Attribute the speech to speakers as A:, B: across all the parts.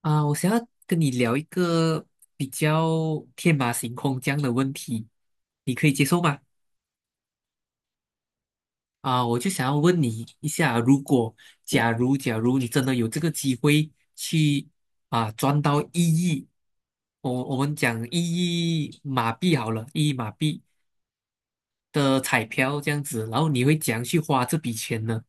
A: 啊，我想要跟你聊一个比较天马行空这样的问题，你可以接受吗？啊，我就想要问你一下，如果假如你真的有这个机会去啊赚到一亿，我们讲一亿马币好了，一亿马币的彩票这样子，然后你会怎样去花这笔钱呢？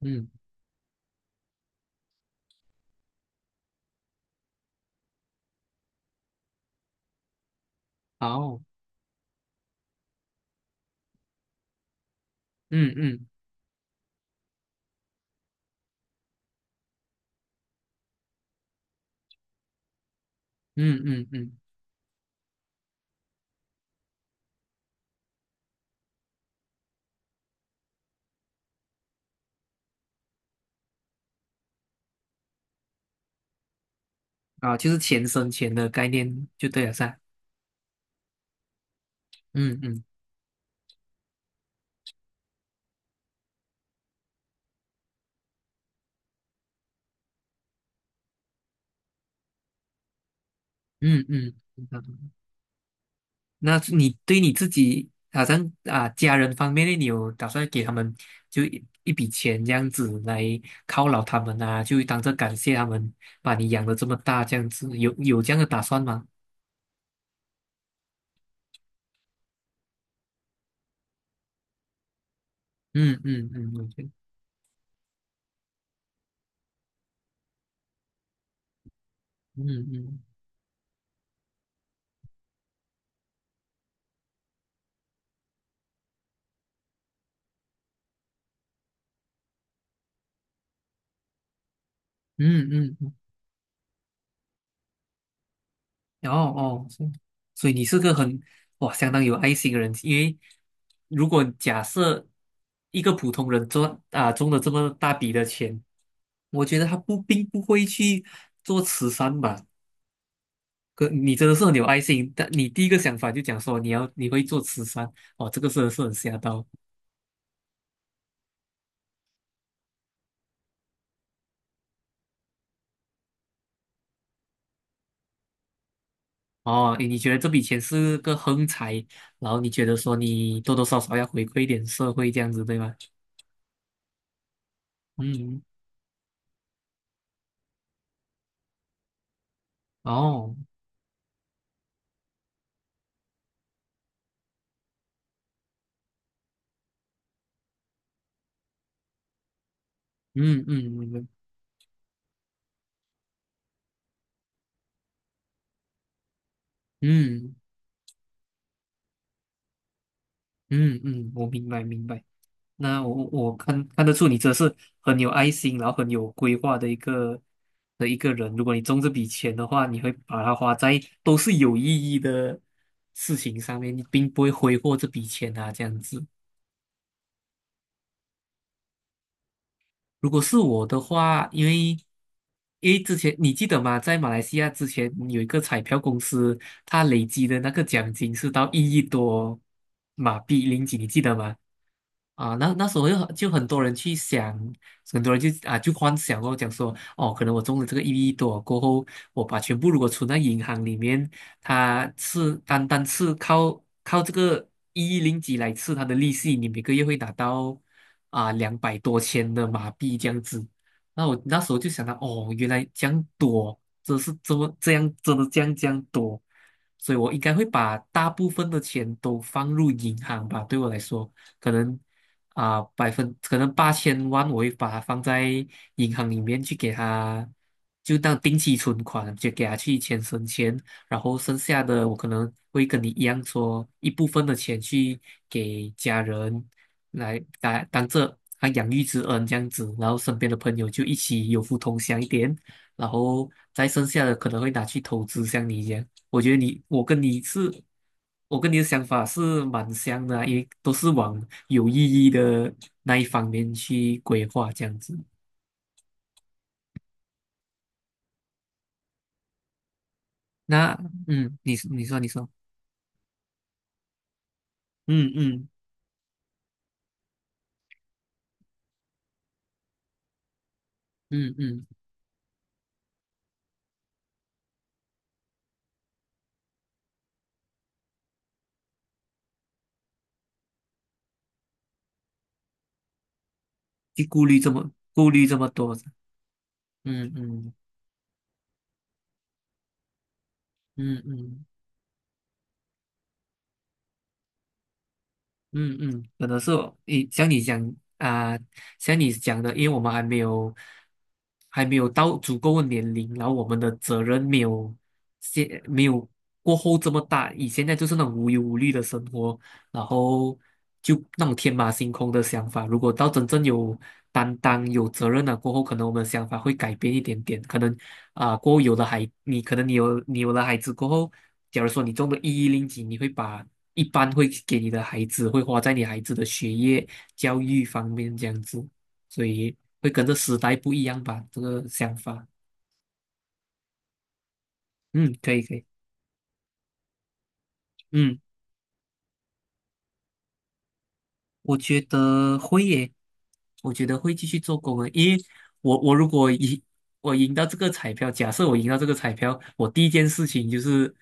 A: 嗯，好，嗯嗯嗯嗯嗯，啊，就是钱生钱的概念就对了噻，嗯嗯嗯嗯。那你对你自己，好像啊家人方面呢，你有打算给他们就一笔钱这样子来犒劳他们啊，就当着感谢他们把你养的这么大这样子，有这样的打算吗？嗯嗯嗯，我觉得，嗯嗯嗯嗯，嗯哦哦，是。所以你是个很哇相当有爱心的人，因为如果假设一个普通人中了这么大笔的钱，我觉得他不并不会去做慈善吧，哥，你真的是很有爱心。但你第一个想法就讲说你会做慈善，哦，这个真的是很吓到。哦，你觉得这笔钱是个横财，然后你觉得说你多多少少要回馈一点社会这样子，对吗？嗯，哦，嗯嗯嗯嗯嗯嗯，我明白明白。那我看得出你这是很有爱心，然后很有规划的一个人。如果你中这笔钱的话，你会把它花在都是有意义的事情上面，你并不会挥霍这笔钱啊，这样子。如果是我的话，因为之前你记得吗？在马来西亚之前有一个彩票公司，它累积的那个奖金是到一亿多马币零几，你记得吗？啊，那那时候就很多人去想，很多人就啊就幻想哦，讲说哦，可能我中了这个一亿多过后，我把全部如果存在银行里面，它是单单是靠这个1亿零几来吃它的利息，你每个月会拿到啊两百多千的马币这样子。那我那时候就想到哦，原来这样多，真是这么这样，真的这样多，所以我应该会把大部分的钱都放入银行吧，对我来说。可能啊、可能8000万，我会把它放在银行里面去给他，就当定期存款，就给他去钱生钱，然后剩下的我可能会跟你一样说，一部分的钱去给家人来当这啊养育之恩这样子，然后身边的朋友就一起有福同享一点，然后再剩下的可能会拿去投资，像你一样。我觉得你，我跟你是，我跟你的想法是蛮像的也都是往有意义的那一方面去规划这样子。那，嗯，你说你说，嗯嗯嗯嗯，去顾虑这么多，嗯嗯嗯嗯。嗯嗯，可能是哦你像你讲啊、像你讲的，因为我们还没有到足够的年龄，然后我们的责任没有过后这么大。以现在就是那种无忧无虑的生活，然后就那种天马行空的想法。如果到真正有担当、有责任了过后，可能我们的想法会改变一点点。可能啊、过后有了孩，你可能你有了孩子过后，假如说你中了一零几，你会把一般会给你的孩子，会花在你孩子的学业、教育方面这样子，所以会跟着时代不一样吧，这个想法。嗯，可以可以，嗯，我觉得会耶，我觉得会继续做工的，因为我如果赢，我赢到这个彩票，假设我赢到这个彩票，我第一件事情就是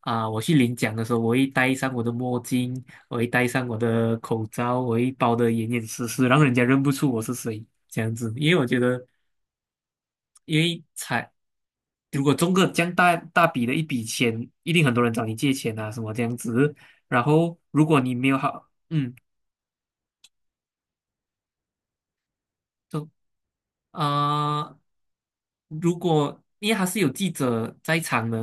A: 啊、我去领奖的时候，我会戴上我的墨镜，我会戴上我的口罩，我会包得严严实实，让人家认不出我是谁，这样子，因为我觉得因为才如果中个这样大笔的一笔钱，一定很多人找你借钱啊，什么这样子。然后如果你没有好，嗯，中啊、如果因为他是有记者在场的，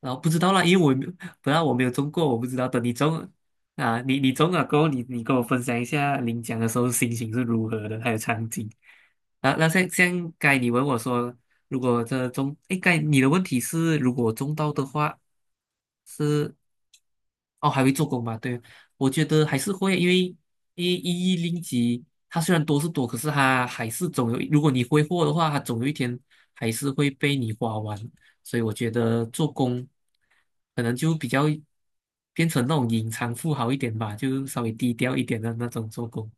A: 然后不知道啦，因为我也没有本来我没有中过，我不知道。等你中啊，你中了过后，你跟我分享一下领奖的时候心情是如何的，还有场景。啊，那像该你问我说，如果这中，哎，该你的问题是，如果中到的话是哦，还会做工吗？对，我觉得还是会，因为一零级。它虽然多是多，可是它还是总有，如果你挥霍的话，它总有一天还是会被你花完。所以我觉得做工可能就比较变成那种隐藏富豪一点吧，就稍微低调一点的那种做工。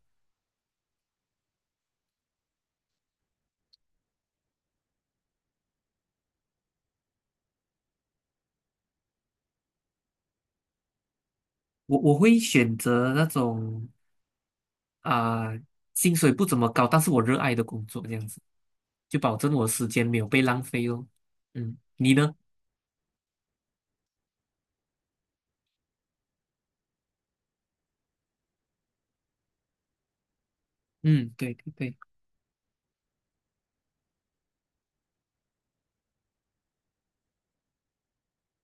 A: 我会选择那种啊、薪水不怎么高，但是我热爱的工作，这样子就保证我时间没有被浪费哦。嗯，你呢？嗯，对对对，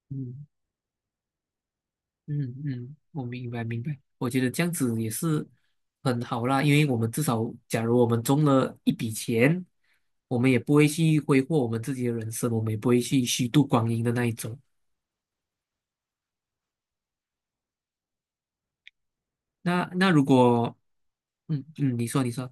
A: 嗯。嗯嗯，我明白明白，我觉得这样子也是很好啦，因为我们至少，假如我们中了一笔钱，我们也不会去挥霍我们自己的人生，我们也不会去虚度光阴的那一种。那那如果，嗯嗯，你说你说，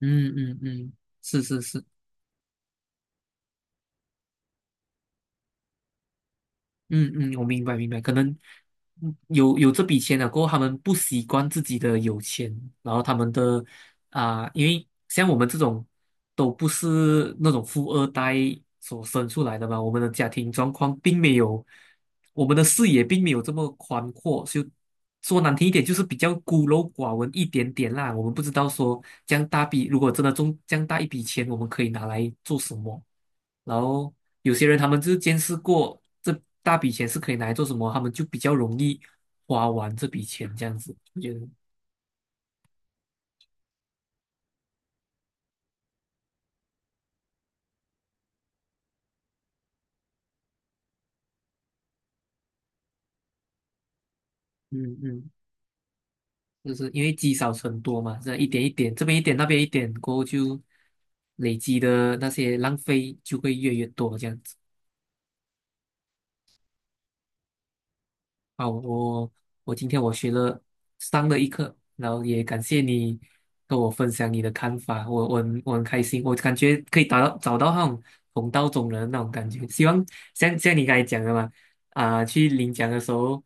A: 嗯嗯嗯，是是是。嗯嗯，我明白明白，可能嗯有这笔钱了过后，他们不习惯自己的有钱，然后他们的啊、因为像我们这种都不是那种富二代所生出来的嘛，我们的家庭状况并没有，我们的视野并没有这么宽阔，就说难听一点，就是比较孤陋寡闻一点点啦。我们不知道说这样大笔，如果真的中这样大一笔钱，我们可以拿来做什么。然后有些人他们就是见识过这大笔钱是可以拿来做什么，他们就比较容易花完这笔钱这样子。我觉得，嗯嗯，就是因为积少成多嘛，这样一点一点，这边一点，那边一点，过后就累积的那些浪费就会越来越多这样子。好，我今天上了一课，然后也感谢你跟我分享你的看法，我很开心，我感觉可以达到找到那种同道中人的那种感觉。希望像你刚才讲的嘛，啊、去领奖的时候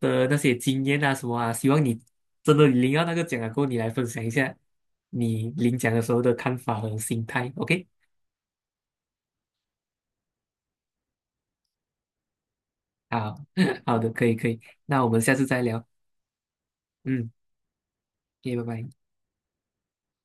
A: 的那些经验啊什么啊，希望你真的领到那个奖了过后，你来分享一下你领奖的时候的看法和心态。OK，好 好的，可以可以，那我们下次再聊，嗯，OK，拜拜。